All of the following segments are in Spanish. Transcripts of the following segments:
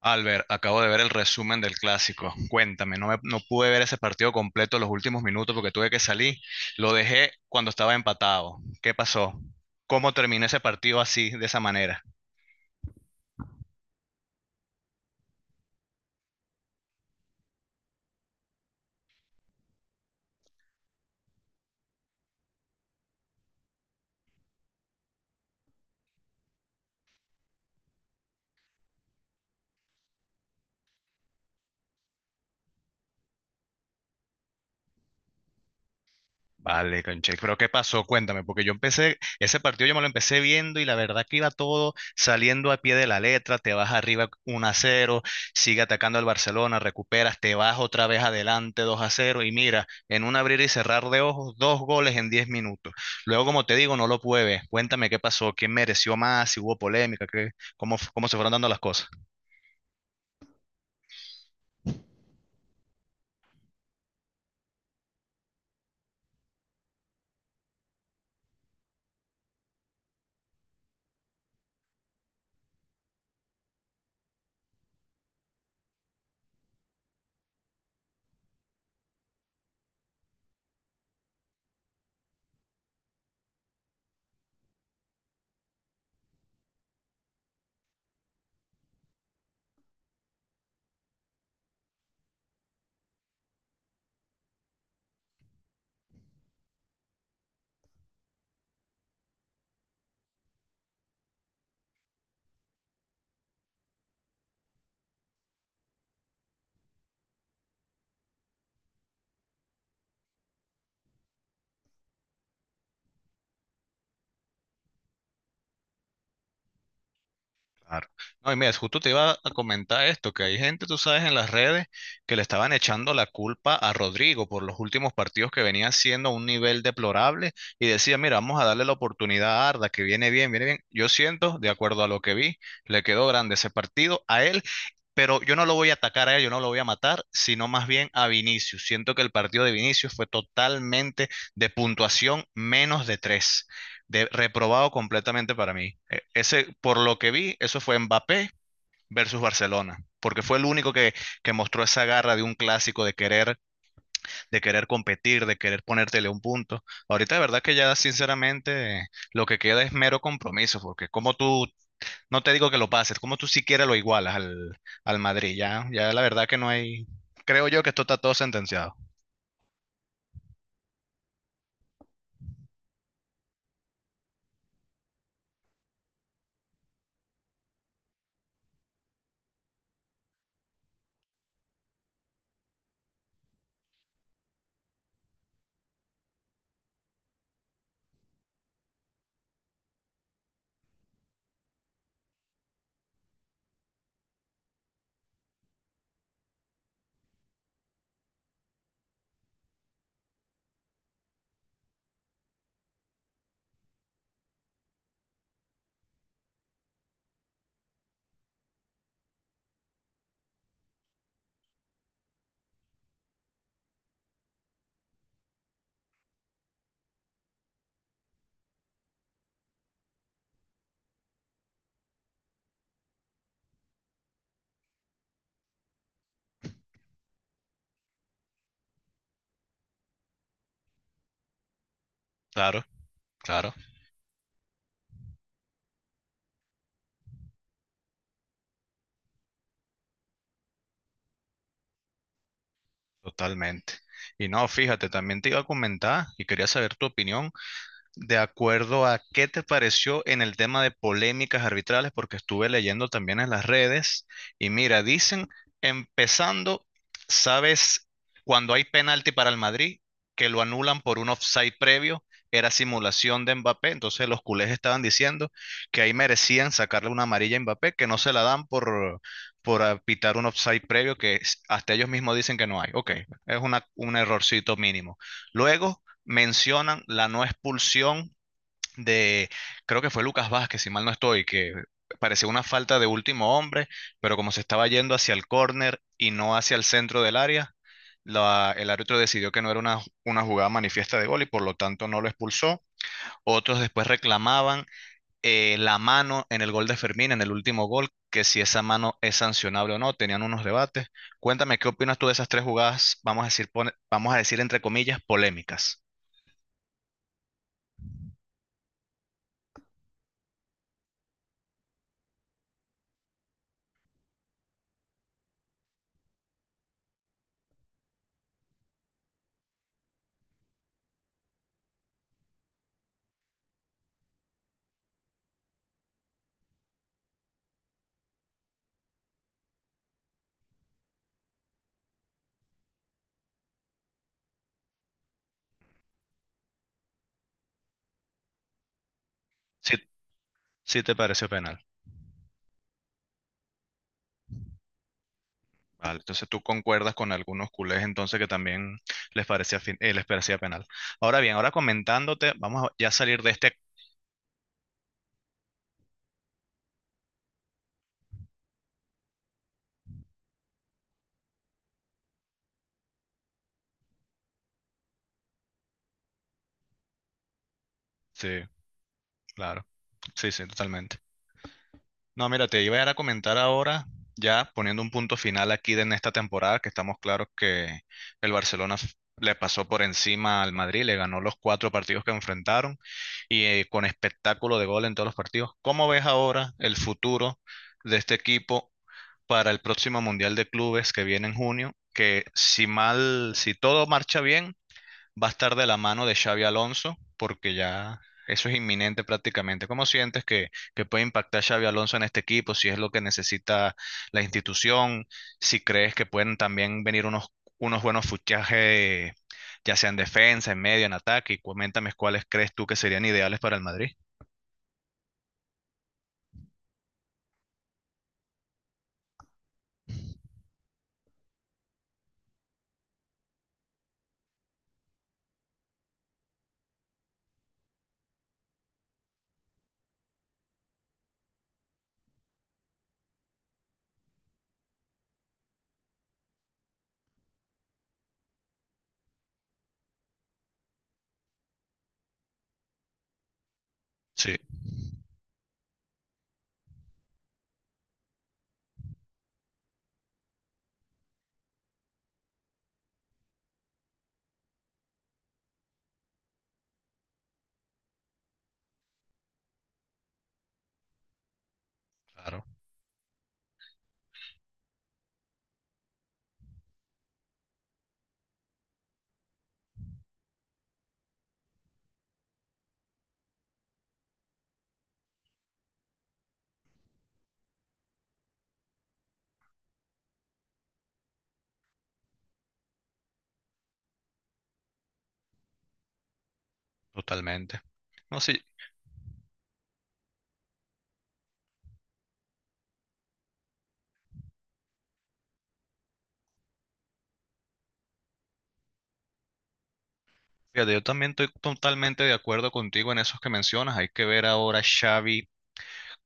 Albert, acabo de ver el resumen del clásico. Cuéntame, no, no pude ver ese partido completo los últimos minutos porque tuve que salir. Lo dejé cuando estaba empatado. ¿Qué pasó? ¿Cómo terminó ese partido así, de esa manera? Vale, conche, pero ¿qué pasó? Cuéntame, porque ese partido yo me lo empecé viendo y la verdad que iba todo saliendo a pie de la letra, te vas arriba 1 a cero, sigue atacando al Barcelona, recuperas, te vas otra vez adelante 2-0 y mira, en un abrir y cerrar de ojos, dos goles en 10 minutos. Luego, como te digo, no lo pude ver. Cuéntame qué pasó, quién mereció más, si hubo polémica, qué, cómo, cómo se fueron dando las cosas. Claro. No, y mira, justo te iba a comentar esto, que hay gente, tú sabes, en las redes que le estaban echando la culpa a Rodrigo por los últimos partidos que venía haciendo a un nivel deplorable y decía, mira, vamos a darle la oportunidad a Arda, que viene bien, viene bien. Yo siento, de acuerdo a lo que vi, le quedó grande ese partido a él, pero yo no lo voy a atacar a él, yo no lo voy a matar, sino más bien a Vinicius. Siento que el partido de Vinicius fue totalmente de puntuación menos de tres, reprobado completamente para mí. Ese, por lo que vi, eso fue Mbappé versus Barcelona, porque fue el único que mostró esa garra de un clásico, de querer competir, de querer ponértele un punto. Ahorita de verdad que ya sinceramente lo que queda es mero compromiso, porque como tú, no te digo que lo pases, como tú siquiera lo igualas al Madrid, ya, ya la verdad que no hay, creo yo que esto está todo sentenciado. Claro, claro, totalmente. Y no, fíjate, también te iba a comentar y quería saber tu opinión. De acuerdo a qué te pareció en el tema de polémicas arbitrales, porque estuve leyendo también en las redes y mira, dicen, empezando, ¿sabes? Cuando hay penalti para el Madrid, que lo anulan por un offside previo, era simulación de Mbappé, entonces los culés estaban diciendo que ahí merecían sacarle una amarilla a Mbappé, que no se la dan por apitar un offside previo, que es- hasta ellos mismos dicen que no hay. Ok, es una, un errorcito mínimo. Luego mencionan la no expulsión de, creo que fue Lucas Vázquez, si mal no estoy, que parecía una falta de último hombre, pero como se estaba yendo hacia el córner y no hacia el centro del área, el árbitro decidió que no era una jugada manifiesta de gol y por lo tanto no lo expulsó. Otros después reclamaban la mano en el gol de Fermín, en el último gol, que si esa mano es sancionable o no, tenían unos debates. Cuéntame, ¿qué opinas tú de esas tres jugadas, vamos a decir, pone- vamos a decir entre comillas, polémicas? Si Sí te pareció penal. Vale, entonces tú concuerdas con algunos culés entonces que también les parecía, les parecía penal. Ahora bien, ahora comentándote, vamos a ya salir de este. Sí, claro. Sí, sí, totalmente. No, mira, te iba a ir a comentar ahora, ya poniendo un punto final aquí de en esta temporada, que estamos claros que el Barcelona f- le pasó por encima al Madrid, le ganó los cuatro partidos que enfrentaron y con espectáculo de gol en todos los partidos. ¿Cómo ves ahora el futuro de este equipo para el próximo Mundial de Clubes que viene en junio, que si mal, si todo marcha bien, va a estar de la mano de Xavi Alonso, porque ya eso es inminente prácticamente? ¿Cómo sientes que puede impactar Xavi Alonso en este equipo? Si es lo que necesita la institución, si crees que pueden también venir unos buenos fichajes, ya sea en defensa, en medio, en ataque, y coméntame cuáles crees tú que serían ideales para el Madrid. Sí, claro, totalmente. No, sí, fíjate, yo también estoy totalmente de acuerdo contigo en esos que mencionas. Hay que ver ahora, Xavi,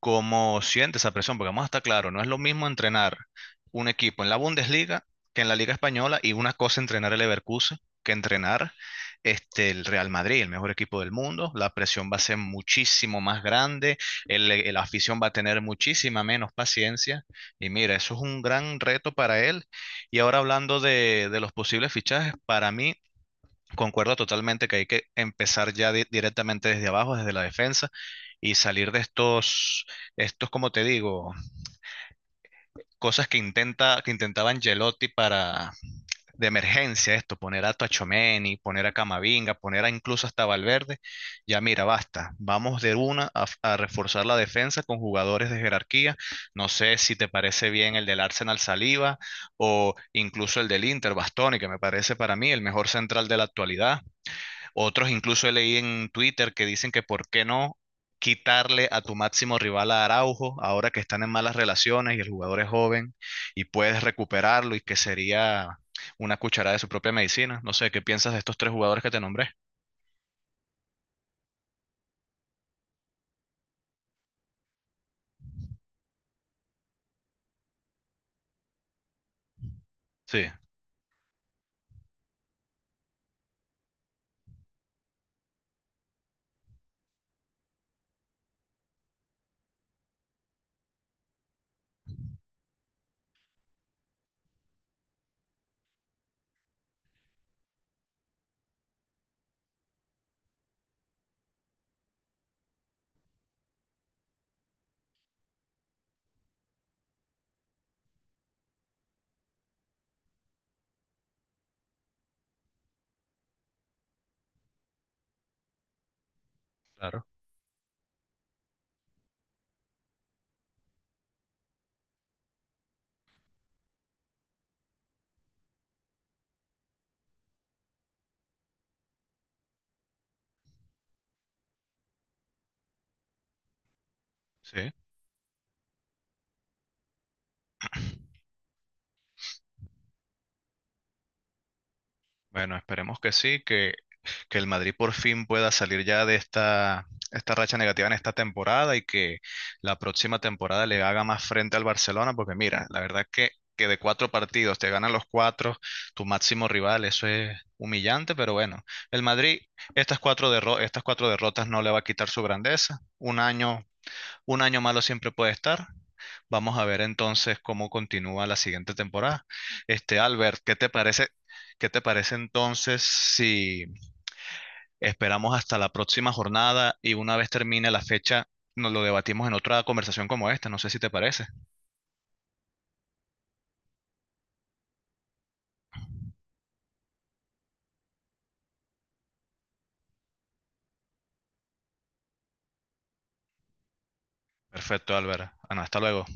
cómo siente esa presión, porque vamos a estar claro, no es lo mismo entrenar un equipo en la Bundesliga que en la Liga Española y una cosa entrenar el Leverkusen que entrenar este, el Real Madrid, el mejor equipo del mundo. La presión va a ser muchísimo más grande, el afición va a tener muchísima menos paciencia. Y mira, eso es un gran reto para él. Y ahora hablando de los posibles fichajes, para mí, concuerdo totalmente que hay que empezar ya directamente desde abajo, desde la defensa, y salir de estos, estos, como te digo, cosas que intentaba Angelotti para de emergencia, esto, poner a Tchouaméni, poner a Camavinga, poner a incluso hasta Valverde. Ya mira, basta. Vamos de una a reforzar la defensa con jugadores de jerarquía. No sé si te parece bien el del Arsenal Saliba o incluso el del Inter, Bastoni, que me parece para mí el mejor central de la actualidad. Otros incluso he leído en Twitter que dicen que por qué no quitarle a tu máximo rival a Araujo, ahora que están en malas relaciones y el jugador es joven y puedes recuperarlo y que sería una cucharada de su propia medicina. No sé, ¿qué piensas de estos tres jugadores que te nombré? Sí, claro. Sí. Bueno, esperemos que sí, que el Madrid por fin pueda salir ya de esta racha negativa en esta temporada y que la próxima temporada le haga más frente al Barcelona, porque mira, la verdad que de cuatro partidos te ganan los cuatro, tu máximo rival, eso es humillante, pero bueno, el Madrid, estas cuatro derrotas no le va a quitar su grandeza. Un año malo siempre puede estar. Vamos a ver entonces cómo continúa la siguiente temporada. Este, Albert, ¿qué te parece? ¿Qué te parece entonces si esperamos hasta la próxima jornada y una vez termine la fecha, nos lo debatimos en otra conversación como esta? No sé si te parece. Perfecto, Albert. Ana, hasta luego.